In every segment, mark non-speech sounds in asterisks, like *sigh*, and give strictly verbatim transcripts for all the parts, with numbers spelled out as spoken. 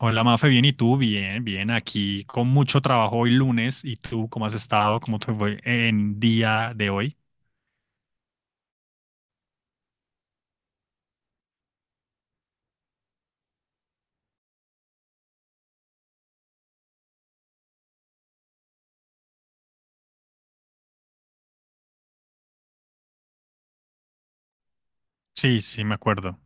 Hola Mafe, bien, ¿y tú? Bien, bien, aquí con mucho trabajo hoy lunes. ¿Y tú cómo has estado? ¿Cómo te fue en día de hoy? Sí, sí, me acuerdo.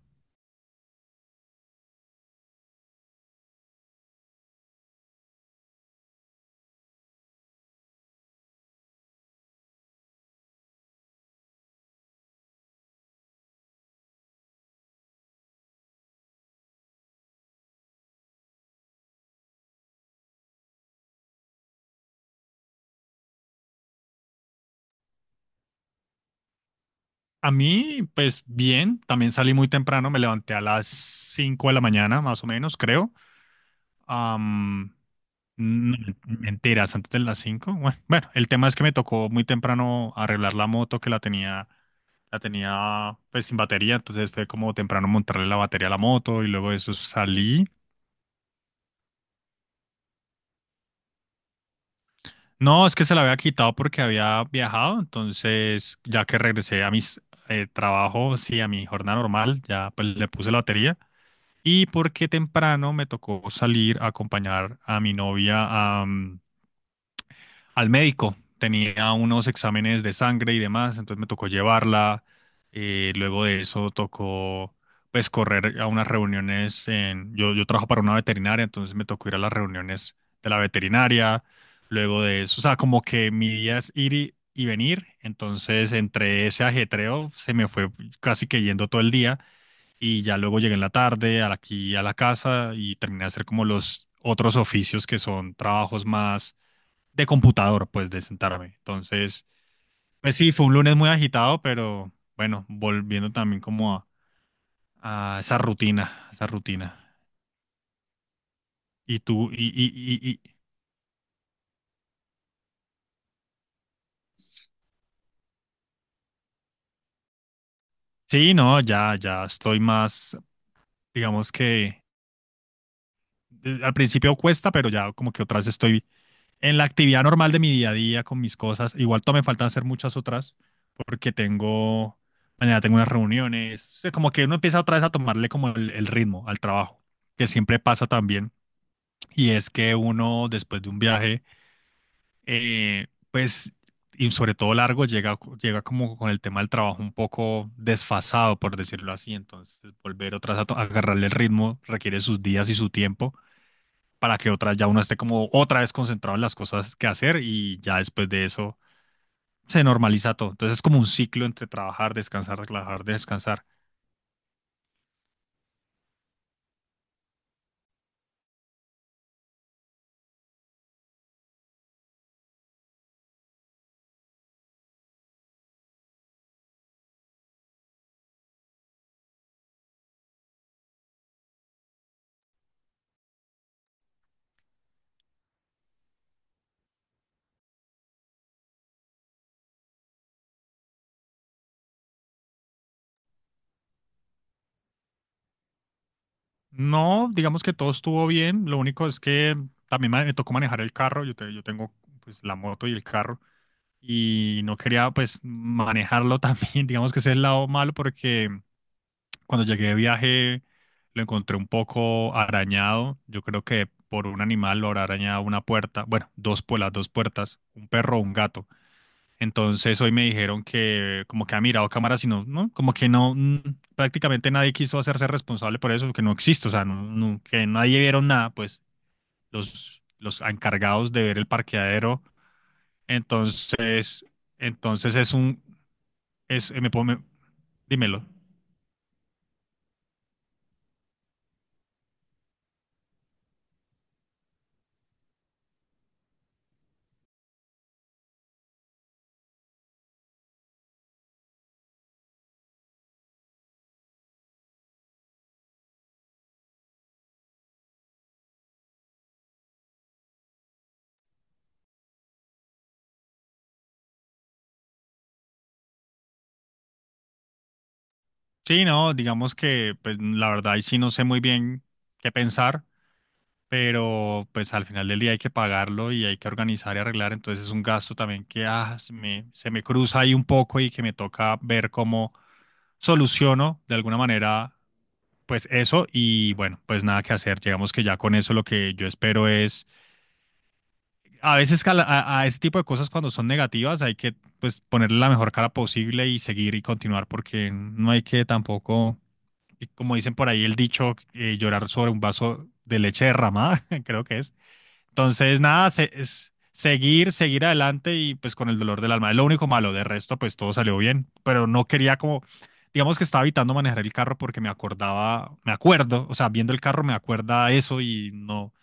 A mí, pues bien, también salí muy temprano, me levanté a las cinco de la mañana, más o menos, creo. Am, no, mentiras, antes de las cinco. Bueno, bueno, el tema es que me tocó muy temprano arreglar la moto que la tenía, la tenía pues sin batería, entonces fue como temprano montarle la batería a la moto y luego de eso salí. No, es que se la había quitado porque había viajado, entonces ya que regresé a mis eh, trabajos, sí, a mi jornada normal, ya pues le puse la batería y porque temprano me tocó salir a acompañar a mi novia a mm, al médico. Tenía unos exámenes de sangre y demás, entonces me tocó llevarla. Eh, luego de eso tocó pues correr a unas reuniones en, yo, yo trabajo para una veterinaria, entonces me tocó ir a las reuniones de la veterinaria. Luego de eso, o sea, como que mi día es ir y, y venir, entonces entre ese ajetreo se me fue casi que yendo todo el día y ya luego llegué en la tarde a la- aquí a la casa y terminé de hacer como los otros oficios que son trabajos más de computador, pues, de sentarme. Entonces, pues sí, fue un lunes muy agitado, pero bueno, volviendo también como a, a esa rutina, esa rutina. Y tú, y, y, y, y- sí, no, ya, ya estoy más, digamos que eh, al principio cuesta, pero ya como que otra vez estoy en la actividad normal de mi día a día con mis cosas. Igual todavía me faltan hacer muchas otras, porque tengo, mañana tengo unas reuniones. O sea, como que uno empieza otra vez a tomarle como el el ritmo al trabajo, que siempre pasa también. Y es que uno, después de un viaje, eh, pues, y sobre todo largo, llega, llega como con el tema del trabajo un poco desfasado, por decirlo así. Entonces, volver otra vez a, to- a agarrarle el ritmo requiere sus días y su tiempo para que otra, ya uno esté como otra vez concentrado en las cosas que hacer y ya después de eso se normaliza todo. Entonces, es como un ciclo entre trabajar, descansar, relajar, descansar. No, digamos que todo estuvo bien. Lo único es que también ma- me tocó manejar el carro. Yo, te- yo tengo pues la moto y el carro, y no quería pues manejarlo también. *laughs* Digamos que ese es el lado malo porque cuando llegué de viaje lo encontré un poco arañado, yo creo que por un animal lo habrá arañado una puerta, bueno, dos por las dos puertas, un perro o un gato. Entonces hoy me dijeron que como que ha mirado cámaras y no, no, como que no, mm, prácticamente nadie quiso hacerse responsable por eso, que no existe, o sea, no, no- que nadie vieron nada, pues los, los encargados de ver el parqueadero. Entonces, entonces es un es, eh, me, puedo- me- dímelo. Sí, no, digamos que pues la verdad ahí sí no sé muy bien qué pensar, pero pues al final del día hay que pagarlo y hay que organizar y arreglar, entonces es un gasto también que ah, se me, se me cruza ahí un poco y que me toca ver cómo soluciono de alguna manera pues eso y bueno, pues nada que hacer. Digamos que ya con eso lo que yo espero es a veces cala- a, la- a a ese tipo de cosas cuando son negativas hay que pues ponerle la mejor cara posible y seguir y continuar porque no hay que tampoco, y como dicen por ahí el dicho, eh, llorar sobre un vaso de leche derramada, *laughs* creo que es. Entonces, nada, se- es seguir, seguir adelante y pues con el dolor del alma. Es lo único malo, de resto pues todo salió bien, pero no quería como, digamos que estaba evitando manejar el carro porque me acordaba, me acuerdo, o sea, viendo el carro me acuerda eso y no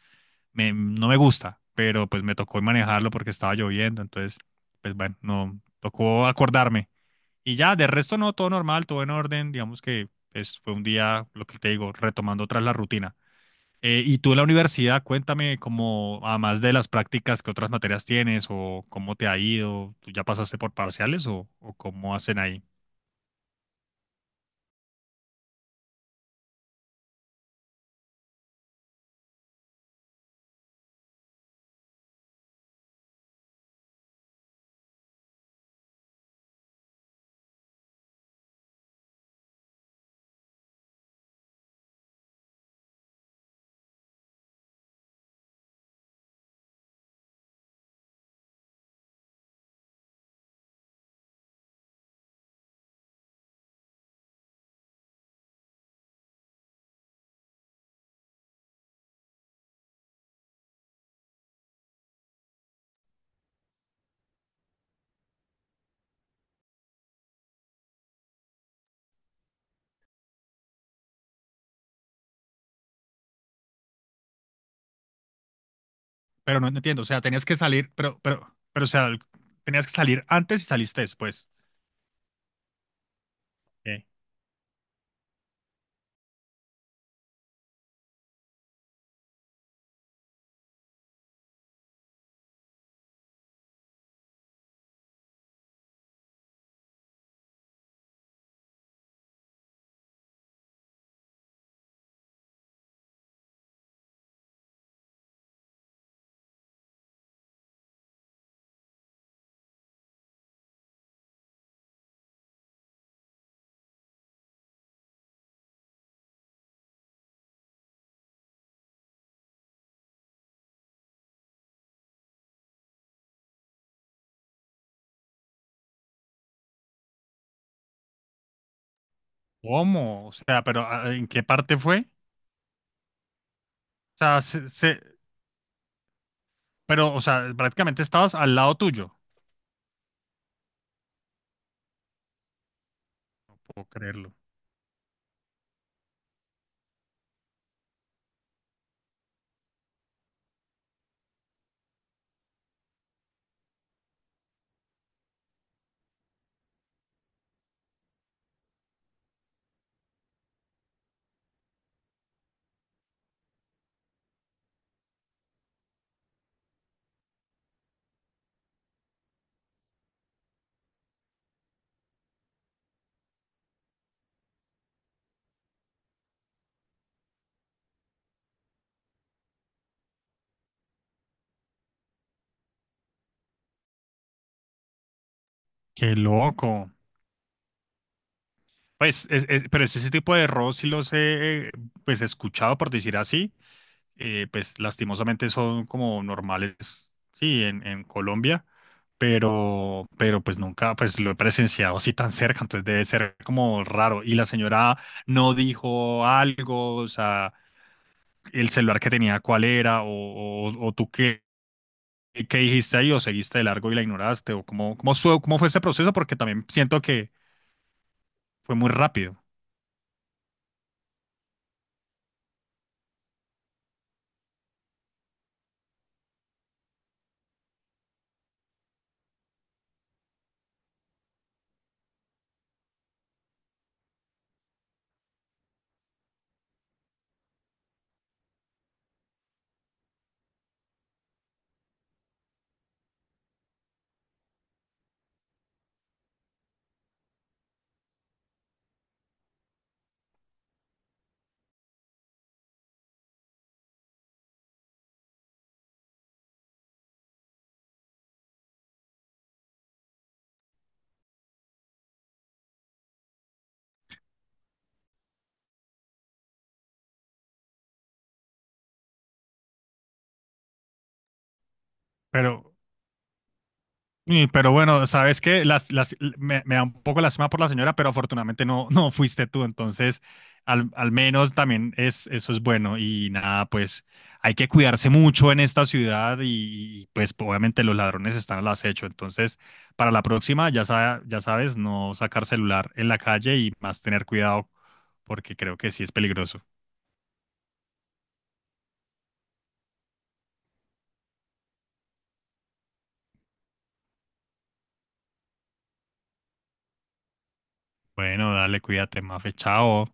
me- no me gusta, pero pues me tocó manejarlo porque estaba lloviendo, entonces, pues bueno, no, tocó acordarme. Y ya, de resto no, todo normal, todo en orden, digamos que pues, fue un día, lo que te digo, retomando otra vez la rutina. Eh, y tú en la universidad, cuéntame como, además de las prácticas, ¿qué otras materias tienes o cómo te ha ido? ¿Tú ya pasaste por parciales o, o cómo hacen ahí? Pero no entiendo, o sea, tenías que salir, pero, pero, pero, o sea, tenías que salir antes y saliste después. Ok. ¿Cómo? O sea, pero ah, ¿en qué parte fue? O sea, se, se- pero, o sea, prácticamente estabas al lado tuyo. No puedo creerlo. Qué loco. Pues, es, es- pero es ese tipo de errores sí los he, eh, pues, escuchado, por decir así. Eh, pues, lastimosamente son como normales, sí, en, en Colombia. Pero, pero, pues, nunca, pues, lo he presenciado así tan cerca. Entonces, debe ser como raro. Y la señora no dijo algo, o sea... el celular que tenía cuál era, o, o, o tú qué, qué dijiste ahí, o seguiste de largo y la ignoraste, o cómo, cómo, su- cómo fue ese proceso, porque también siento que fue muy rápido, pero Y- Pero bueno, sabes que las, las, me, me da un poco lástima por la señora, pero afortunadamente no, no fuiste tú, entonces al, al menos también es, eso es bueno y nada, pues hay que cuidarse mucho en esta ciudad y, y, pues obviamente los ladrones están al acecho, entonces para la próxima ya, sa- ya sabes, no sacar celular en la calle y más tener cuidado porque creo que sí es peligroso. Bueno, dale, cuídate, Mafe, chao.